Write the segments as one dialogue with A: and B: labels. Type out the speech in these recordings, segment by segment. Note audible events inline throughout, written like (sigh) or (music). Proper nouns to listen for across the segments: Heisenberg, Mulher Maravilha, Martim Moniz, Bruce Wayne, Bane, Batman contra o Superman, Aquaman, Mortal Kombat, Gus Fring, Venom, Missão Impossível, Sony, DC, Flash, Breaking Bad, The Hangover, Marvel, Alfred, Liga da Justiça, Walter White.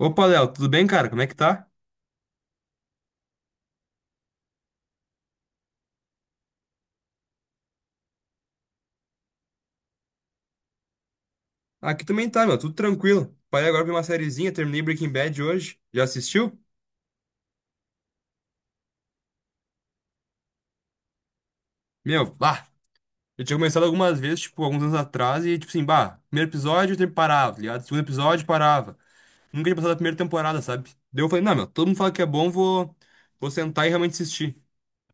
A: Opa, Léo, tudo bem, cara? Como é que tá? Aqui também tá, meu, tudo tranquilo. Parei agora pra uma sériezinha, terminei Breaking Bad hoje. Já assistiu? Meu, bah! Eu tinha começado algumas vezes, tipo, alguns anos atrás, e tipo assim, bah, primeiro episódio eu sempre parava, tá ligado? Segundo episódio parava. Nunca tinha passado a primeira temporada, sabe? Daí eu falei, não, meu, todo mundo fala que é bom, vou sentar e realmente assistir.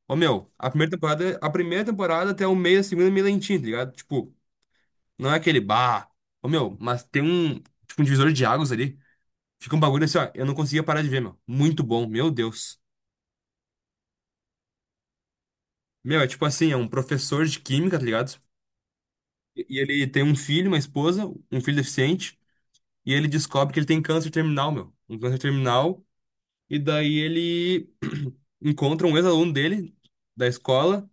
A: Ô, meu, a primeira temporada até o meio, a segunda é meio lentinha, tá ligado? Tipo, não é aquele bah. Ô, meu, mas tem um, tipo, um divisor de águas ali. Fica um bagulho assim, ó. Eu não conseguia parar de ver, meu. Muito bom, meu Deus. Meu, é tipo assim, é um professor de química, tá ligado? E ele tem um filho, uma esposa, um filho deficiente, e ele descobre que ele tem câncer terminal, meu. Um câncer terminal, e daí ele (clears throat) encontra um ex-aluno dele, da escola,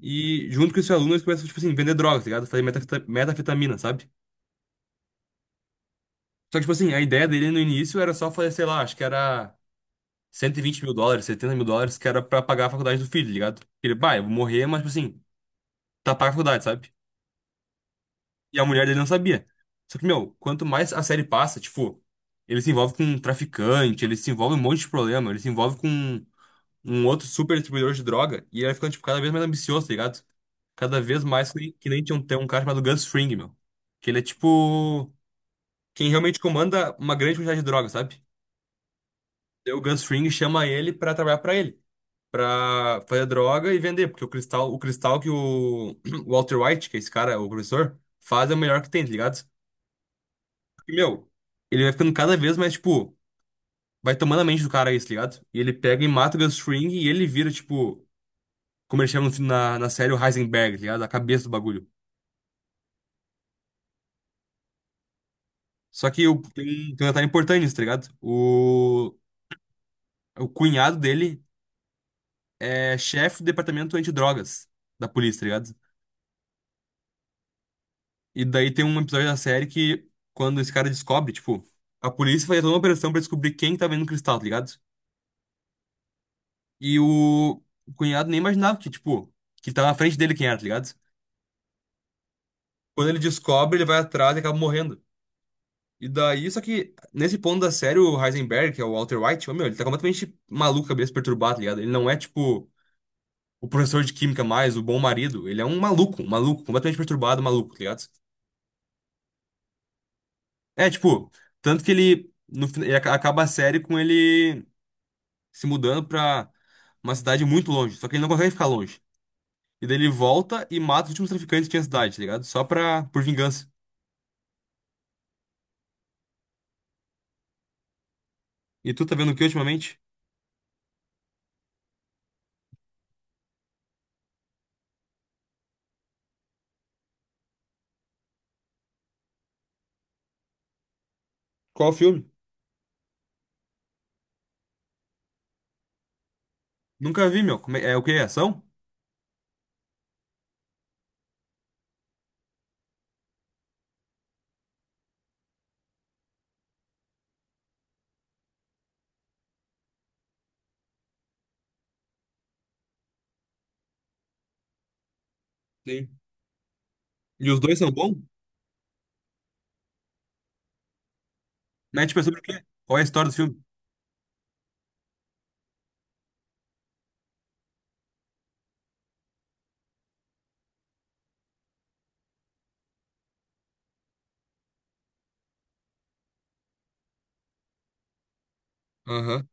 A: e junto com esse aluno eles começam, tipo assim, vender drogas, tá ligado? Fazer metafetamina, sabe? Só que, tipo assim, a ideia dele no início era só fazer, sei lá, acho que era 120 mil dólares, 70 mil dólares, que era pra pagar a faculdade do filho, tá ligado? Ele, bah, eu vou morrer, mas, tipo assim, tapar a faculdade, sabe? E a mulher dele não sabia. Só que, meu, quanto mais a série passa, tipo, ele se envolve com um traficante, ele se envolve em um monte de problema, ele se envolve com um outro super distribuidor de droga, e ele vai ficando, tipo, cada vez mais ambicioso, tá ligado? Cada vez mais que nem tinha um, tem um cara chamado Gus Fring, meu. Que ele é, tipo, quem realmente comanda uma grande quantidade de droga, sabe? Daí o Gus Fring chama ele pra trabalhar pra ele. Pra fazer droga e vender, porque o cristal que o (clears throat) o Walter White, que é esse cara, o professor, faz é o melhor que tem, tá ligado? E, meu, ele vai ficando cada vez mais, tipo, vai tomando a mente do cara isso, ligado? E ele pega e mata o Gus Fring e ele vira, tipo, como eles chamam no na série, o Heisenberg, tá ligado? A cabeça do bagulho. Só que o, tem, tem um detalhe importante nisso, tá ligado? O cunhado dele é chefe do departamento antidrogas da polícia, tá ligado? E daí tem um episódio da série que, quando esse cara descobre, tipo, a polícia faz toda uma operação pra descobrir quem tá vendo o cristal, tá ligado? E o cunhado nem imaginava que, tipo, que tava na frente dele quem era, tá ligado? Quando ele descobre, ele vai atrás e acaba morrendo. E daí, só que nesse ponto da série, o Heisenberg, que é o Walter White, ô, meu, ele tá completamente maluco, cabeça perturbada, tá ligado? Ele não é tipo o professor de química mais, o bom marido. Ele é um maluco, completamente perturbado, maluco, tá ligado? É, tipo, tanto que ele, no, fina- ele aca- acaba a série com ele se mudando pra uma cidade muito longe. Só que ele não consegue ficar longe. E daí ele volta e mata os últimos traficantes que tinha na cidade, tá ligado? Só pra, por vingança. E tu tá vendo o que ultimamente? Qual filme? Nunca vi, meu. Como É, o que, ação? Sim. E os dois são bons? Mas, tipo, é sobre o quê? Qual é a história do filme? Aham.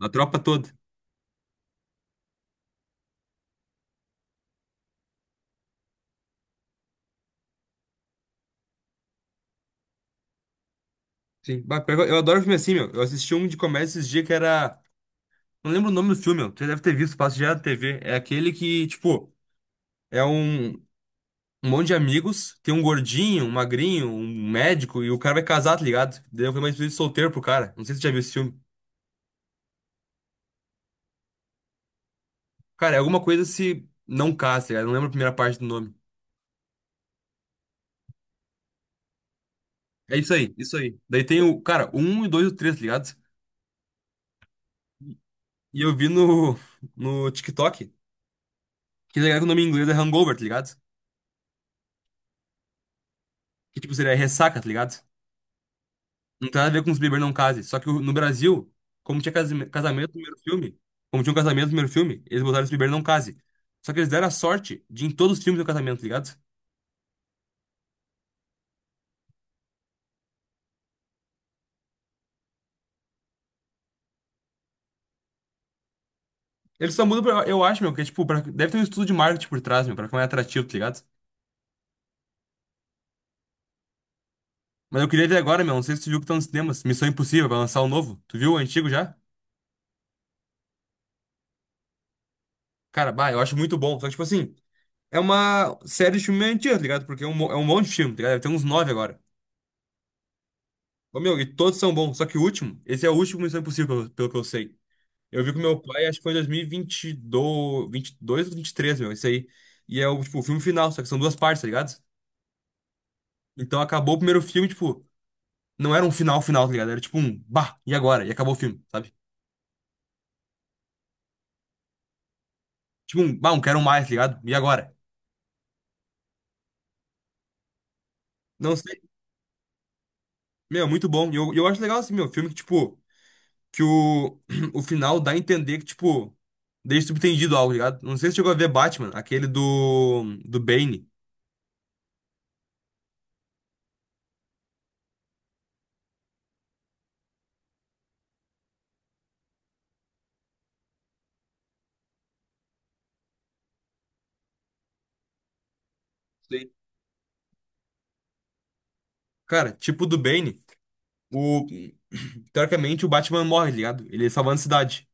A: A tropa toda. Sim. Bah, pior que eu adoro filme assim, meu. Eu assisti um de comédia esses dias que era. Não lembro o nome do filme, meu. Você deve ter visto, passa já na TV. É aquele que, tipo, é um monte de amigos, tem um gordinho, um magrinho, um médico, e o cara vai casar, tá ligado? Daí foi uma despedida de solteiro pro cara. Não sei se você já viu esse filme. Cara, é alguma coisa se não casa, tá ligado? Eu não lembro a primeira parte do nome. É isso aí, isso aí. Daí tem o, cara, um e dois e o três, tá ligado? E eu vi no TikTok. Que tá ligado que o nome em inglês é hangover, tá ligado? Que tipo seria ressaca, tá ligado? Não tem nada a ver com os Bieber não case. Só que no Brasil, como tinha casamento no primeiro filme, como tinha um casamento no primeiro filme, eles botaram os Bieber não case. Só que eles deram a sorte de em todos os filmes do casamento, tá ligado? Eles só mudam, pra, eu acho, meu, que é tipo, deve ter um estudo de marketing por trás, meu, pra ficar mais atrativo, tá ligado? Mas eu queria ver agora, meu, não sei se tu viu que tá nos cinemas, Missão Impossível, vai lançar o novo. Tu viu o antigo já? Cara, bah, eu acho muito bom. Só que, tipo assim, é uma série de filme meio antiga, tá ligado? Porque é um, é um monte de filme, tá ligado? Deve ter uns nove agora. Ô, meu, e todos são bons, só que o último, esse é o último Missão Impossível, pelo que eu sei. Eu vi com meu pai, acho que foi em 2022, 22 ou 23, meu, isso aí. E é o, tipo, o filme final, só que são duas partes, tá ligado? Então acabou o primeiro filme, tipo, não era um final final, tá ligado? Era tipo um, bah, e agora? E acabou o filme, sabe? Tipo um, bah, um quero mais, tá ligado? E agora? Não sei. Meu, é muito bom. E eu acho legal, assim, meu, filme que, tipo, que o, (clears throat) o final dá a entender que, tipo, deixa subtendido algo, tá ligado? Não sei se chegou a ver Batman, aquele do Bane. Sim. Cara, tipo do Bane, o, teoricamente o Batman morre, tá ligado? Ele salvando a cidade.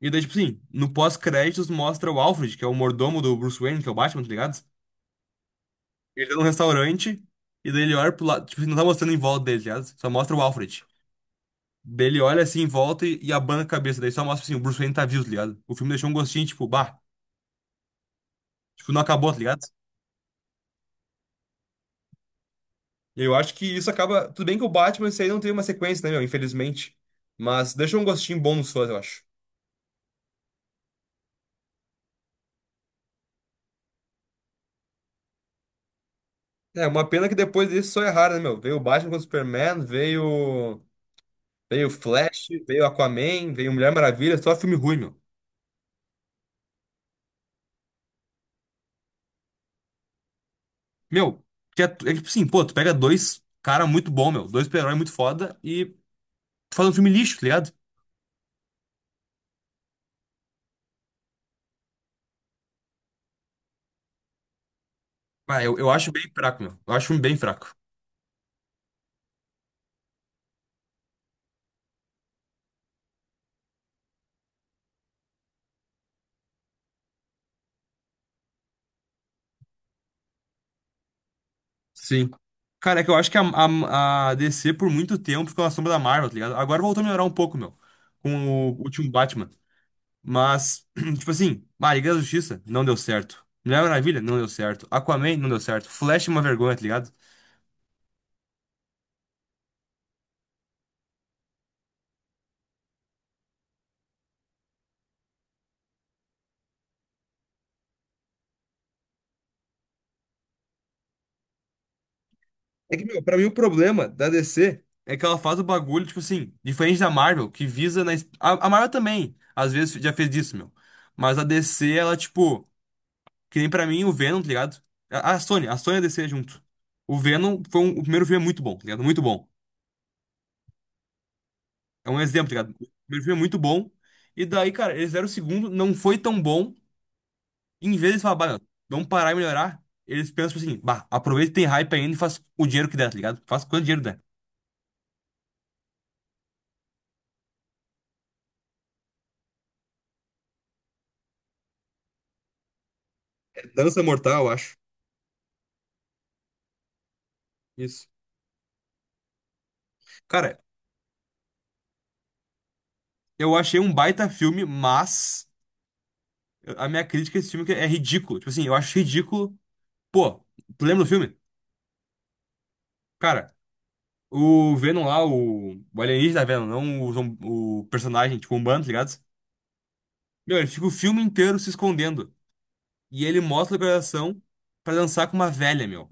A: E daí, tipo assim, no pós-créditos mostra o Alfred, que é o mordomo do Bruce Wayne, que é o Batman, tá ligado? Ele tá num restaurante, e daí ele olha pro lado, tipo, não tá mostrando em volta dele, tá ligado? Só mostra o Alfred. Daí ele olha assim em volta e abana a cabeça, daí só mostra assim, o Bruce Wayne tá vivo, tá ligado? O filme deixou um gostinho, tipo, bah, tipo, não acabou, tá ligado? Eu acho que isso acaba. Tudo bem que o Batman, isso aí não tem uma sequência, né, meu? Infelizmente. Mas deixa um gostinho bom nos fãs, eu acho. É, uma pena que depois disso só erraram, né, meu? Veio o Batman contra o Superman, veio, o Flash, veio Aquaman, veio Mulher Maravilha, só filme ruim, meu. Meu, que é que, tipo assim, pô, tu pega dois cara muito bom, meu, dois super-herói muito foda e tu faz um filme lixo, tá ligado? Ah, eu acho bem fraco, meu. Eu acho um bem fraco. Sim. Cara, é que eu acho que a DC por muito tempo ficou na sombra da Marvel, tá ligado? Agora voltou a melhorar um pouco, meu, com o último Batman. Mas, (clears throat) tipo assim, ah, Liga da Justiça não deu certo. Mulher Maravilha não deu certo. Aquaman não deu certo. Flash é uma vergonha, tá ligado? É que, meu, pra mim o problema da DC é que ela faz o bagulho, tipo assim, diferente da Marvel, que visa na. A Marvel também, às vezes, já fez isso, meu. Mas a DC, ela, tipo, que nem pra mim o Venom, tá ligado? A Sony e a DC junto. O Venom foi um, o primeiro filme é muito bom, tá ligado? Muito bom. É um exemplo, tá ligado? O primeiro filme é muito bom. E daí, cara, eles deram o segundo, não foi tão bom. Em vez de falar, bah, meu, vamos parar e melhorar, eles pensam tipo assim, bah, aproveita que tem hype ainda e faz o dinheiro que der, tá ligado? Faz quanto dinheiro der. Dança Mortal, eu acho. Isso. Cara, eu achei um baita filme, mas a minha crítica a esse filme é que é ridículo. Tipo assim, eu acho ridículo. Pô, tu lembra do filme? Cara, o Venom lá, o alienígena Venom, não o personagem, tipo, um bando, tá ligado? Meu, ele fica o filme inteiro se escondendo. E ele mostra a localização pra dançar com uma velha, meu.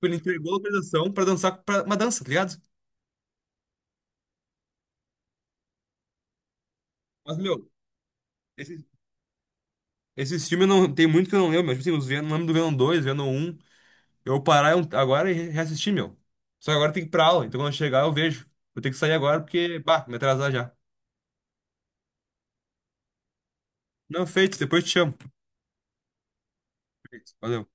A: Tipo, ele entregou a localização pra dançar pra uma dança, tá ligado? Mas, meu, esse- esses filmes não tem muito que eu não lembro, mas tipo assim, os Venom, lembro do Venom dois, Venom um. Eu vou parar agora e reassistir, meu. Só que agora tem que ir pra aula, então quando eu chegar eu vejo. Vou ter que sair agora porque, bah, me atrasar já. Não, feito, depois te chamo. Feito, valeu.